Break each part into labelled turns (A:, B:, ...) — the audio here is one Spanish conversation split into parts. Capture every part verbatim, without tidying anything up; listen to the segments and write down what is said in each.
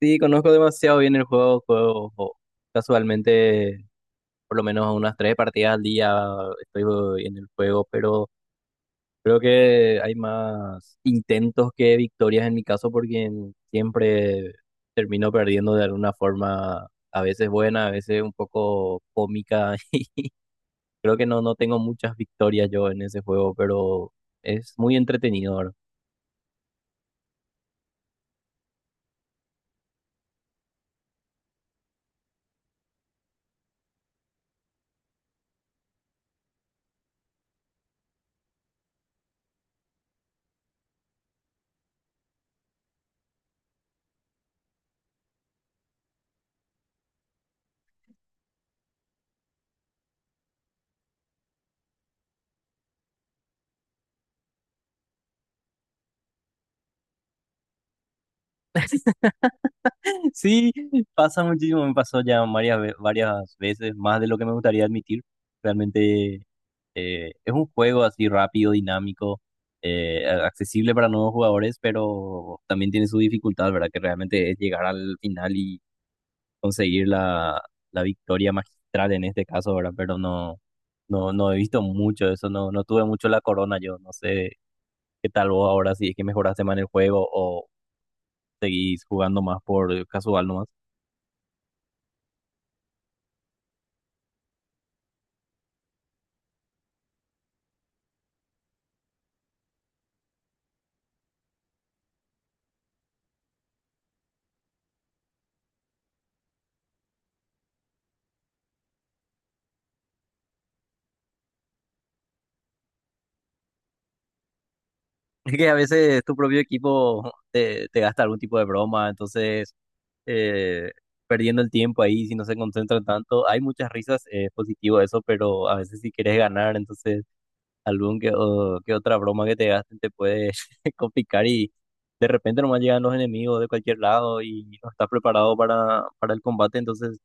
A: Sí, conozco demasiado bien el juego, juego casualmente por lo menos unas tres partidas al día. Estoy en el juego, pero creo que hay más intentos que victorias en mi caso porque siempre termino perdiendo de alguna forma, a veces buena, a veces un poco cómica. Creo que no, no tengo muchas victorias yo en ese juego, pero es muy entretenido ahora. Sí, pasa muchísimo, me pasó ya varias, ve- varias veces, más de lo que me gustaría admitir. Realmente eh, es un juego así rápido, dinámico, eh, a- accesible para nuevos jugadores, pero también tiene su dificultad, ¿verdad? Que realmente es llegar al final y conseguir la, la victoria magistral en este caso, ¿verdad? Pero no, no, no he visto mucho eso, no, no tuve mucho la corona yo. No sé qué tal vos ahora, si es que mejoraste más en el juego o seguís jugando más por casual nomás. Es que a veces tu propio equipo te, te gasta algún tipo de broma, entonces eh, perdiendo el tiempo ahí, si no se concentran tanto, hay muchas risas, eh, es positivo eso, pero a veces si quieres ganar, entonces algún que, o- que otra broma que te gasten te puede complicar, y de repente nomás llegan los enemigos de cualquier lado y no estás preparado para, para el combate. Entonces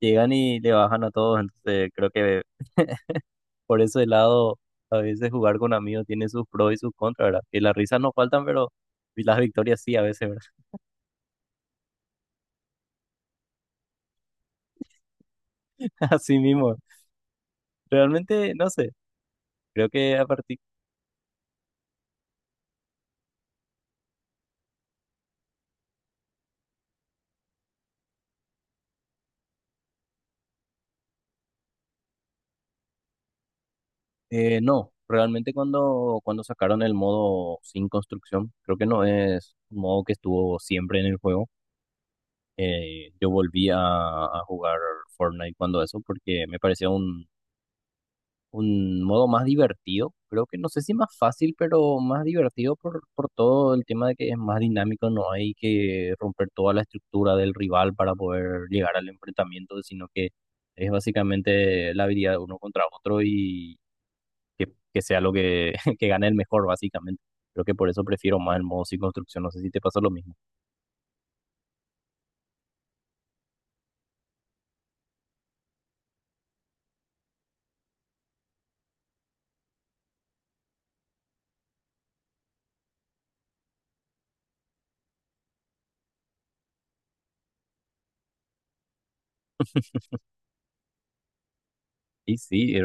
A: llegan y le bajan a todos, entonces creo que por ese lado, a veces jugar con amigos tiene sus pros y sus contras, ¿verdad? Que las risas no faltan, pero las victorias sí, a veces, ¿verdad? Así mismo. Realmente, no sé, creo que a partir... eh, no, realmente cuando, cuando sacaron el modo sin construcción, creo que no es un modo que estuvo siempre en el juego. Eh, yo volví a, a jugar Fortnite cuando eso, porque me parecía un un modo más divertido. Creo que no sé si más fácil, pero más divertido por, por todo el tema de que es más dinámico, no hay que romper toda la estructura del rival para poder llegar al enfrentamiento, sino que es básicamente la habilidad de uno contra otro, y que, que sea lo que, que gane el mejor, básicamente. Creo que por eso prefiero más el modo sin construcción. No sé si te pasa lo mismo. Y sí,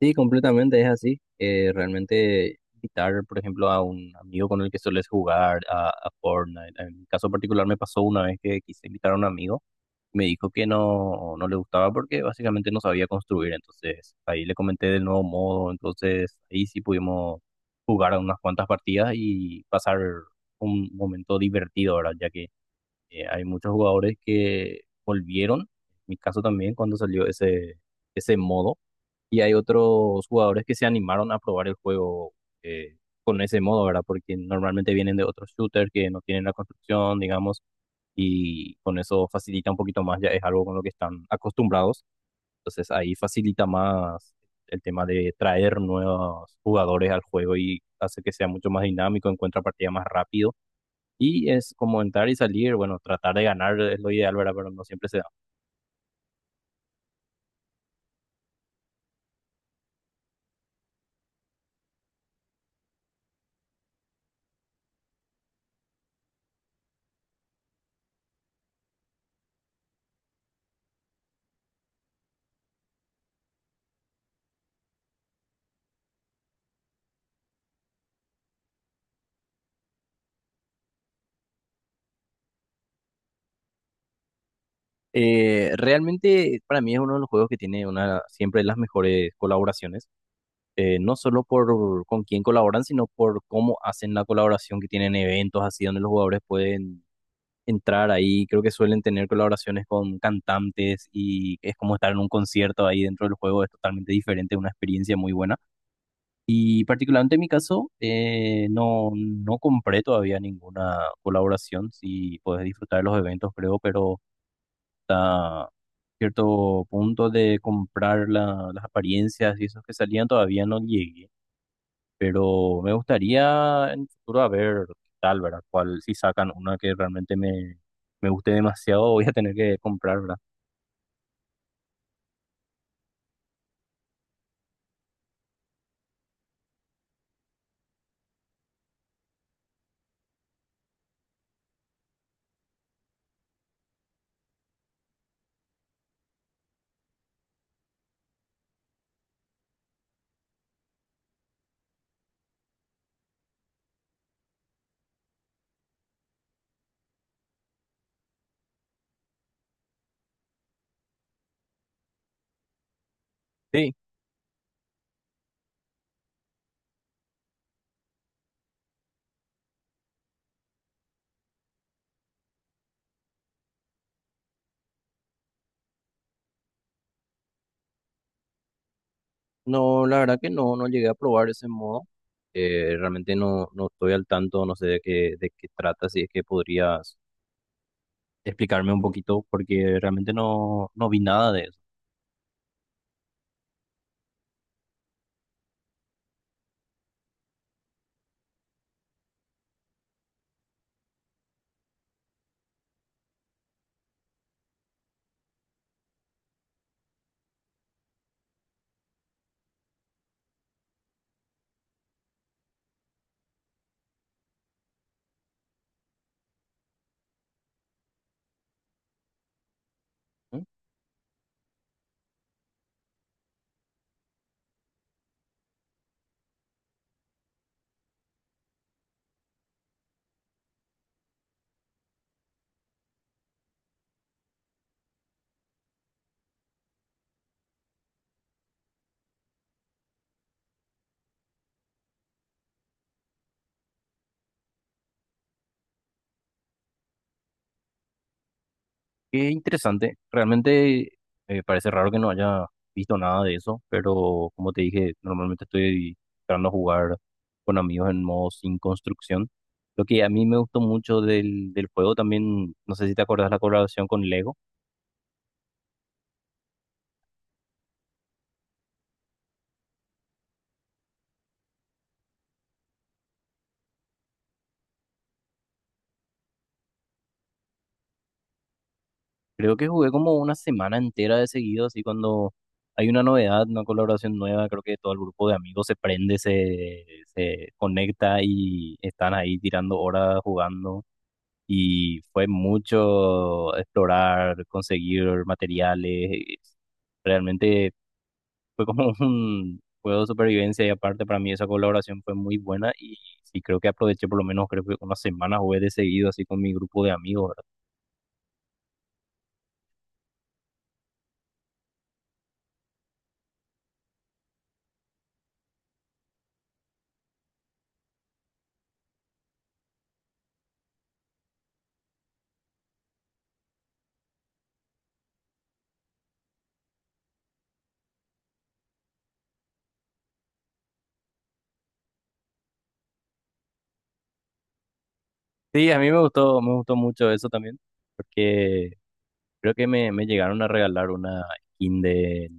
A: sí, completamente es así. Eh, realmente invitar, por ejemplo, a un amigo con el que sueles jugar a, a Fortnite. En mi caso particular me pasó una vez que quise invitar a un amigo, me dijo que no, no le gustaba porque básicamente no sabía construir. Entonces ahí le comenté del nuevo modo, entonces ahí sí pudimos jugar unas cuantas partidas y pasar un momento divertido, ¿verdad? Ya que eh, hay muchos jugadores que volvieron, en mi caso también, cuando salió ese, ese modo, y hay otros jugadores que se animaron a probar el juego eh, con ese modo, ¿verdad? Porque normalmente vienen de otros shooters que no tienen la construcción, digamos, y con eso facilita un poquito más, ya es algo con lo que están acostumbrados, entonces ahí facilita más el tema de traer nuevos jugadores al juego, y hace que sea mucho más dinámico, encuentra partida más rápido, y es como entrar y salir. Bueno, tratar de ganar es lo ideal, ¿verdad? Pero no siempre se da. Eh, realmente para mí es uno de los juegos que tiene una, siempre las mejores colaboraciones, eh, no solo por con quién colaboran, sino por cómo hacen la colaboración, que tienen eventos así donde los jugadores pueden entrar ahí. Creo que suelen tener colaboraciones con cantantes y es como estar en un concierto ahí dentro del juego, es totalmente diferente, una experiencia muy buena. Y particularmente en mi caso, eh, no, no compré todavía ninguna colaboración, si puedes disfrutar de los eventos, creo, pero hasta cierto punto de comprar la- las apariencias y esos que salían todavía no llegué, pero me gustaría en el futuro a ver qué tal, ¿verdad? Cuál, si sacan una que realmente me, me guste demasiado, voy a tener que comprar, ¿verdad? Sí, no, la verdad que no, no llegué a probar ese modo. Eh, realmente no, no estoy al tanto, no sé de qué, de qué trata, si es que podrías explicarme un poquito, porque realmente no, no vi nada de eso. Qué interesante. Realmente eh, parece raro que no haya visto nada de eso, pero como te dije, normalmente estoy tratando de jugar con amigos en modo sin construcción. Lo que a mí me gustó mucho del, del juego también, no sé si te acordás la colaboración con Lego. Creo que jugué como una semana entera de seguido, así cuando hay una novedad, una colaboración nueva, creo que todo el grupo de amigos se prende, se, se conecta y están ahí tirando horas jugando. Y fue mucho explorar, conseguir materiales. Realmente fue como un juego de supervivencia, y aparte para mí esa colaboración fue muy buena, y sí creo que aproveché por lo menos creo que una semana jugué de seguido así con mi grupo de amigos, ¿verdad? Sí, a mí me gustó, me gustó mucho eso también, porque creo que me, me llegaron a regalar una skin de-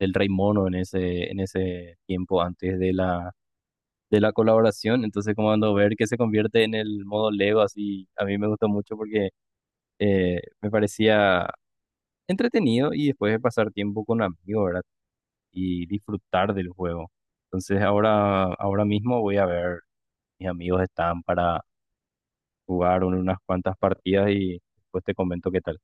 A: del Rey Mono en ese, en ese tiempo antes de la de la colaboración. Entonces, como cuando ver que se convierte en el modo Lego, así, a mí me gustó mucho porque eh, me parecía entretenido y después de pasar tiempo con amigos, ¿verdad? Y disfrutar del juego. Entonces, ahora, ahora mismo voy a ver, mis amigos están para jugar un- unas cuantas partidas y después te comento qué tal.